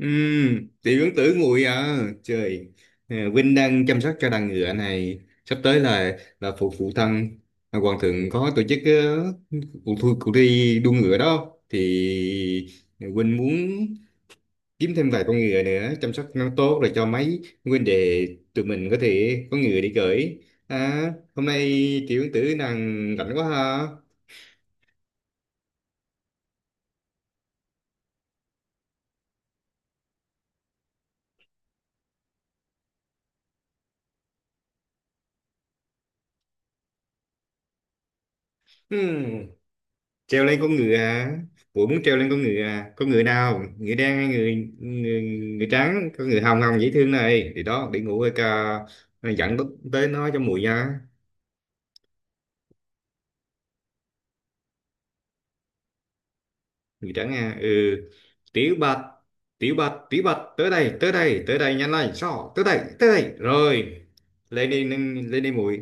Ừ, tiểu ứng tử nguội à. Trời. Vinh đang chăm sóc cho đàn ngựa này, sắp tới là phụ phụ thân, hoàng thượng có tổ chức, cuộc thi đua ngựa đó, thì Vinh muốn kiếm thêm vài con ngựa, nữa chăm sóc nó tốt rồi cho mấy huynh đệ tụi mình có thể có ngựa đi cưỡi. à, Hôm nay tiểu ứng tử nàng rảnh quá ha. Ừ. Treo lên con ngựa à, ủa, muốn treo lên con ngựa à? Con ngựa nào, ngựa đen hay người người, người trắng, con ngựa hồng hồng dễ thương này, thì đó để ngủ ca dẫn bức tới nó cho mùi nha. Người trắng à? Ừ. Tiểu bạch, tiểu bạch, tiểu bạch, tới đây, tới đây, tới đây, nhanh lên, sao, tới đây, tới đây rồi. Lên đi mùi.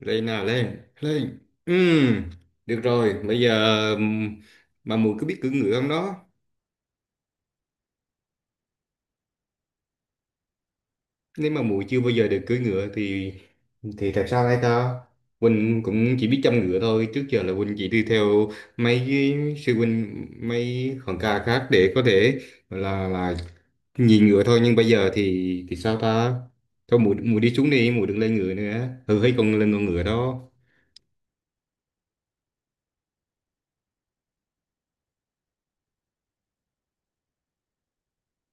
Lên nào, lên lên. Ừ, được rồi, bây giờ mà mùi có biết cưỡi ngựa không đó? Nếu mà muội chưa bao giờ được cưỡi ngựa thì thật sao đây ta? Huynh cũng chỉ biết chăm ngựa thôi, trước giờ là Huynh chỉ đi theo mấy cái sư huynh, mấy hòn ca khác để có thể gọi là nhìn ngựa thôi, nhưng bây giờ thì sao ta? Thôi muội muội đi xuống đi, muội đừng lên ngựa nữa, ừ, hay còn lên con ngựa đó.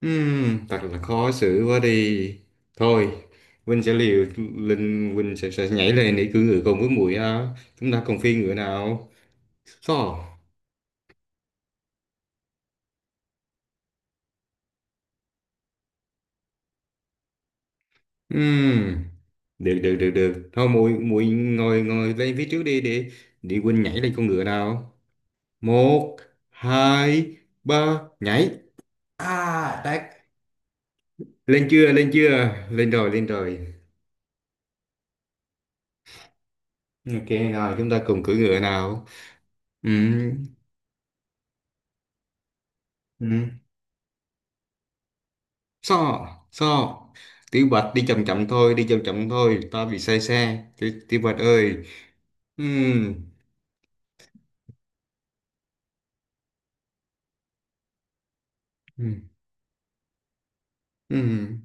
Thật là khó xử quá đi, thôi Huynh sẽ liều lên, sẽ nhảy lên để cưỡi ngựa cùng với muội ha, chúng ta còn phi ngựa nào sao. Ừm, Được được được được, thôi muội muội ngồi ngồi lên phía trước đi, để Quynh nhảy lên con ngựa nào. Một, hai, ba, nhảy! À đấy, lên chưa, lên chưa? Lên rồi, lên rồi. Ok rồi, chúng ta cùng cưỡi ngựa nào. Ừm, ừm, so so tiểu bạch đi chậm chậm thôi, đi chậm chậm thôi, ta bị say xe, tiểu bạch ơi. Ừm, ừm, ừm.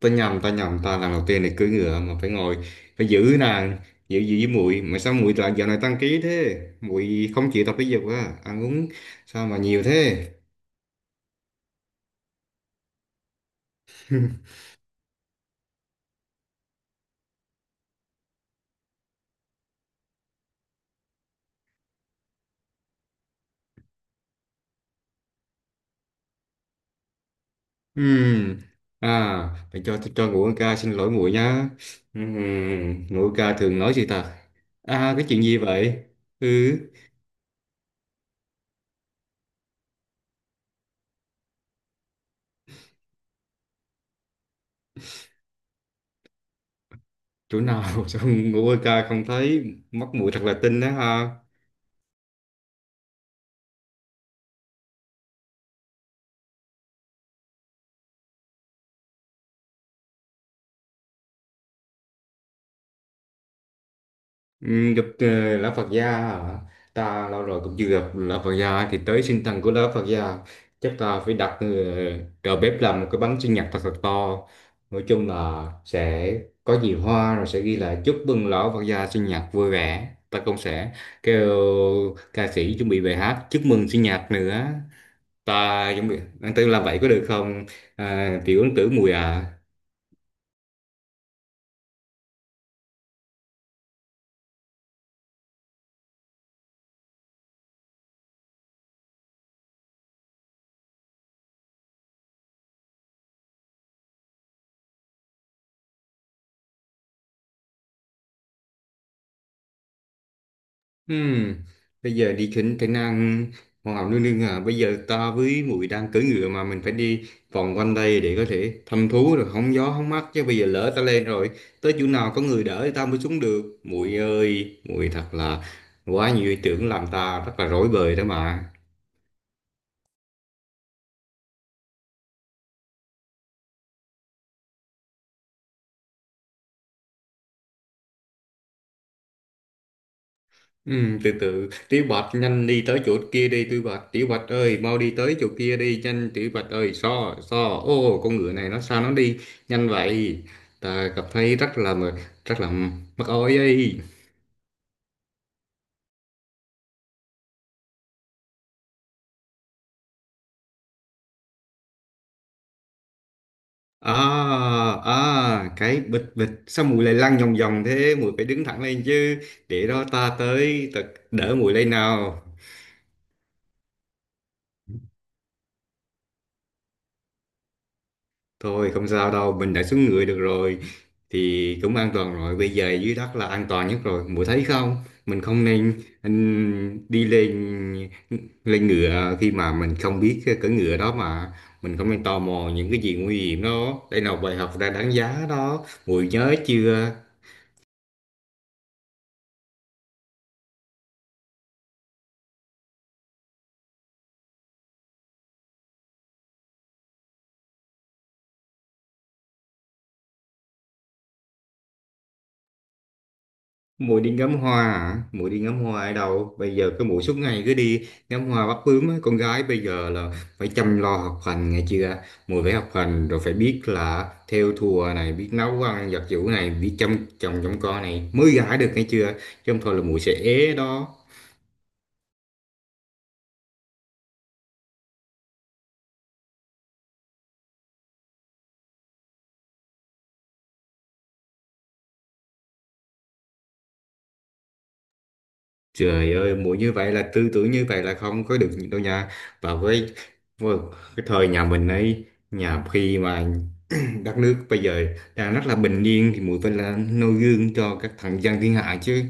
Tao nhầm, tao lần đầu tiên này cưỡi ngựa mà phải ngồi, phải giữ nàng, giữ giữ với muội, mà sao muội lại dạo này tăng ký thế, muội không chịu tập thể dục á, ăn uống sao mà nhiều thế? Ừm, à Phải cho, ngũ ca xin lỗi muội nhá. Ngũ ca thường nói gì ta? À, cái chuyện gì vậy? Ừ, chỗ nào? Sao ngũ ca không thấy, mắt muội thật là tinh đó ha. Ừ, gặp lão Phật gia hả? Ta lâu rồi cũng chưa gặp lão Phật gia, thì tới sinh thần của lão Phật gia chắc ta phải đặt đầu bếp làm một cái bánh sinh nhật thật thật to, nói chung là sẽ có nhiều hoa, rồi sẽ ghi là chúc mừng lão Phật gia sinh nhật vui vẻ, ta cũng sẽ kêu ca sĩ chuẩn bị bài hát chúc mừng sinh nhật nữa. Ta chuẩn bị anh tư làm vậy có được không, à, tiểu ấn tử mùi à? Ừm, Bây giờ đi khỉnh cái năng hoàng hậu nương nương à? Bây giờ ta với muội đang cưỡi ngựa mà, mình phải đi vòng quanh đây để có thể thăm thú rồi hóng gió hóng mát chứ, bây giờ lỡ ta lên rồi, tới chỗ nào có người đỡ thì ta mới xuống được, muội ơi muội thật là quá nhiều ý tưởng làm ta rất là rối bời đó mà. Ừ, từ từ Tiểu Bạch, nhanh đi tới chỗ kia đi Tiểu Bạch, Tiểu Bạch ơi mau đi tới chỗ kia đi nhanh, Tiểu Bạch ơi, so so ô, con ngựa này nó sao nó đi nhanh vậy, ta cảm thấy rất là mắc oi ấy. À à, cái bịch bịch sao mùi lại lăn vòng vòng thế, mùi phải đứng thẳng lên chứ, để đó ta tới, ta đỡ mùi lên nào. Thôi không sao đâu, mình đã xuống người được rồi thì cũng an toàn rồi. Bây giờ dưới đất là an toàn nhất rồi. Muội thấy không? Mình không nên đi lên, ngựa khi mà mình không biết cái cưỡi ngựa đó mà, mình không nên tò mò những cái gì nguy hiểm đó. Đây là một bài học ra đáng giá đó. Muội nhớ chưa? Mũi đi ngắm hoa hả? Mũi đi ngắm hoa ở đâu? Bây giờ cái mũi suốt ngày cứ đi ngắm hoa bắt bướm á. Con gái bây giờ là phải chăm lo học hành nghe chưa? Mũi phải học hành, rồi phải biết là thêu thùa này, biết nấu ăn giặt giũ này, biết chăm chồng chăm con này mới gả được nghe chưa? Chứ không thôi là mũi sẽ ế đó. Trời ơi, mũi như vậy là tư tưởng như vậy là không có được đâu nha. Và với, với cái thời nhà mình ấy, nhà khi mà đất nước bây giờ đang rất là bình yên thì muội phải là noi gương cho các thằng dân thiên hạ chứ,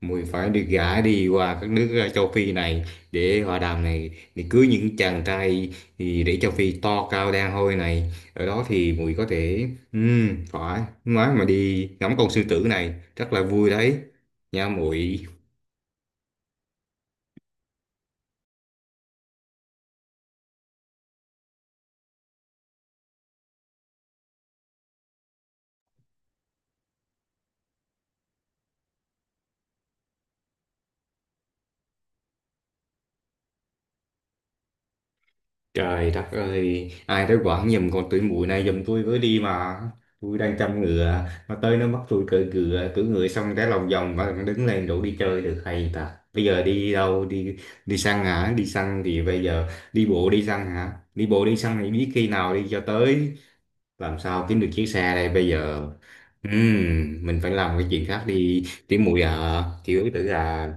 muội phải được gả đi qua các nước, châu Phi này để hòa đàm này, để cưới những chàng trai thì, để châu Phi to cao đen hôi này, ở đó thì muội có thể phải nói mà đi ngắm con sư tử này rất là vui đấy nha muội. Trời đất ơi, ai tới quảng giùm con tuổi mụi này giùm tôi với đi mà. Tôi đang chăm ngựa, mà tới nó bắt tôi cưỡi ngựa xong cái lòng vòng mà nó đứng lên đủ đi chơi được hay ta. Bây giờ đi đâu, đi đi săn hả? Đi săn thì bây giờ đi bộ đi săn hả? Đi bộ đi săn thì biết khi nào đi cho tới, làm sao kiếm được chiếc xe đây bây giờ. Mình phải làm cái chuyện khác đi, tỉ muội à, kiểu tử à.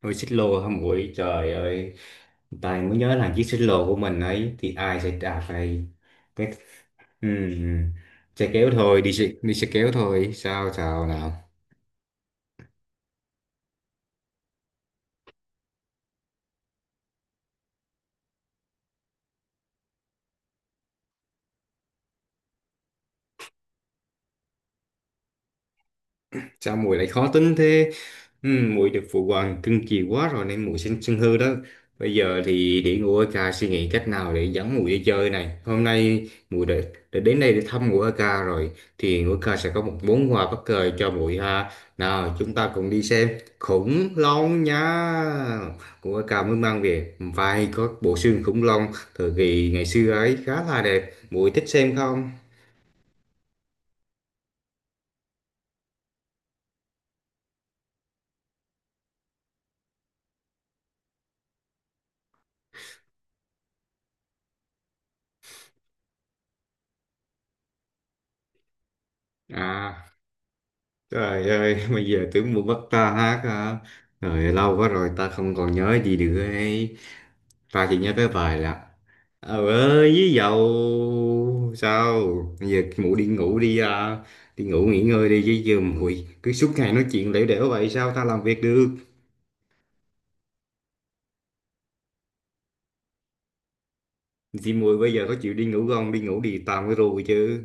Ôi xích lô hả muội, trời ơi, tài mới nhớ là chiếc xích lô của mình ấy thì ai sẽ đạp này, cái ừm, xe kéo thôi, đi xe kéo thôi, sao sao nào. Sao muội lại khó tính thế? Ừ, muội được phụ hoàng cưng chiều quá rồi nên muội sinh sân hư đó. Bây giờ thì để ngồi ca suy nghĩ cách nào để dẫn muội đi chơi này. Hôm nay đã đến đây để thăm ngũ ca rồi thì ngũ ca sẽ có một món quà bất ngờ cho muội ha. Nào, chúng ta cùng đi xem khủng long nha. Ngũ ca mới mang về vài có bộ xương khủng long thời kỳ ngày xưa ấy khá là đẹp. Muội thích xem không? À, trời ơi, bây giờ tưởng muốn bắt ta hát hả? Rồi lâu quá rồi ta không còn nhớ gì được ấy. Ta chỉ nhớ cái bài là ờ ơi với dầu sao? Bây giờ mụ đi ngủ đi à. Đi ngủ nghỉ ngơi đi chứ, giờ muội cứ suốt ngày nói chuyện lẻo đẻo vậy sao ta làm việc được? Chị muội bây giờ có chịu đi ngủ không? Đi ngủ đi tạm với rồi chứ.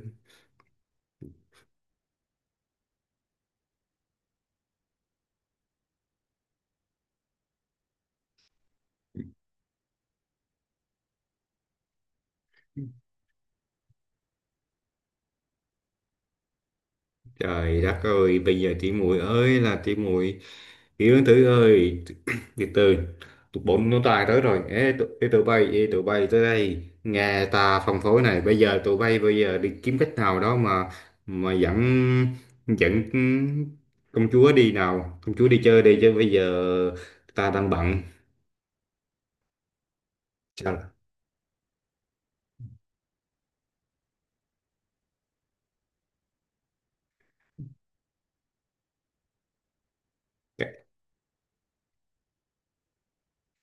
Trời đất ơi, bây giờ tí muội ơi là tí muội, Yến Tử ơi, từ từ, tụi bốn nó tài tới rồi. Ê, tụi bay, ê, tụi bay tới đây. Nghe ta phân phối này, bây giờ tụi bay bây giờ đi kiếm cách nào đó mà dẫn dẫn công chúa đi nào, công chúa đi chơi đi chứ bây giờ ta đang bận. Sao?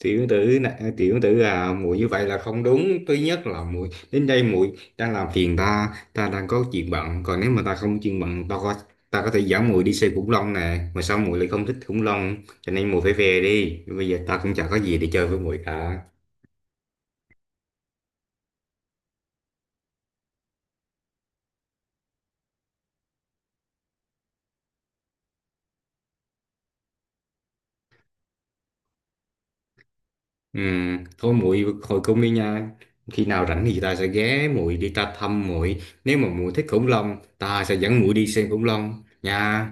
Tiểu tử này, tiểu tử à, muội như vậy là không đúng, thứ nhất là muội đến đây muội đang làm phiền ta, ta đang có chuyện bận, còn nếu mà ta không chuyện bận ta có thể dẫn muội đi xem khủng long nè, mà sao muội lại không thích khủng long, cho nên muội phải về đi, bây giờ ta cũng chẳng có gì để chơi với muội cả. Ừ, thôi muội hồi cung đi nha, khi nào rảnh thì ta sẽ ghé muội đi, ta thăm muội, nếu mà muội thích khủng long ta sẽ dẫn muội đi xem khủng long nha.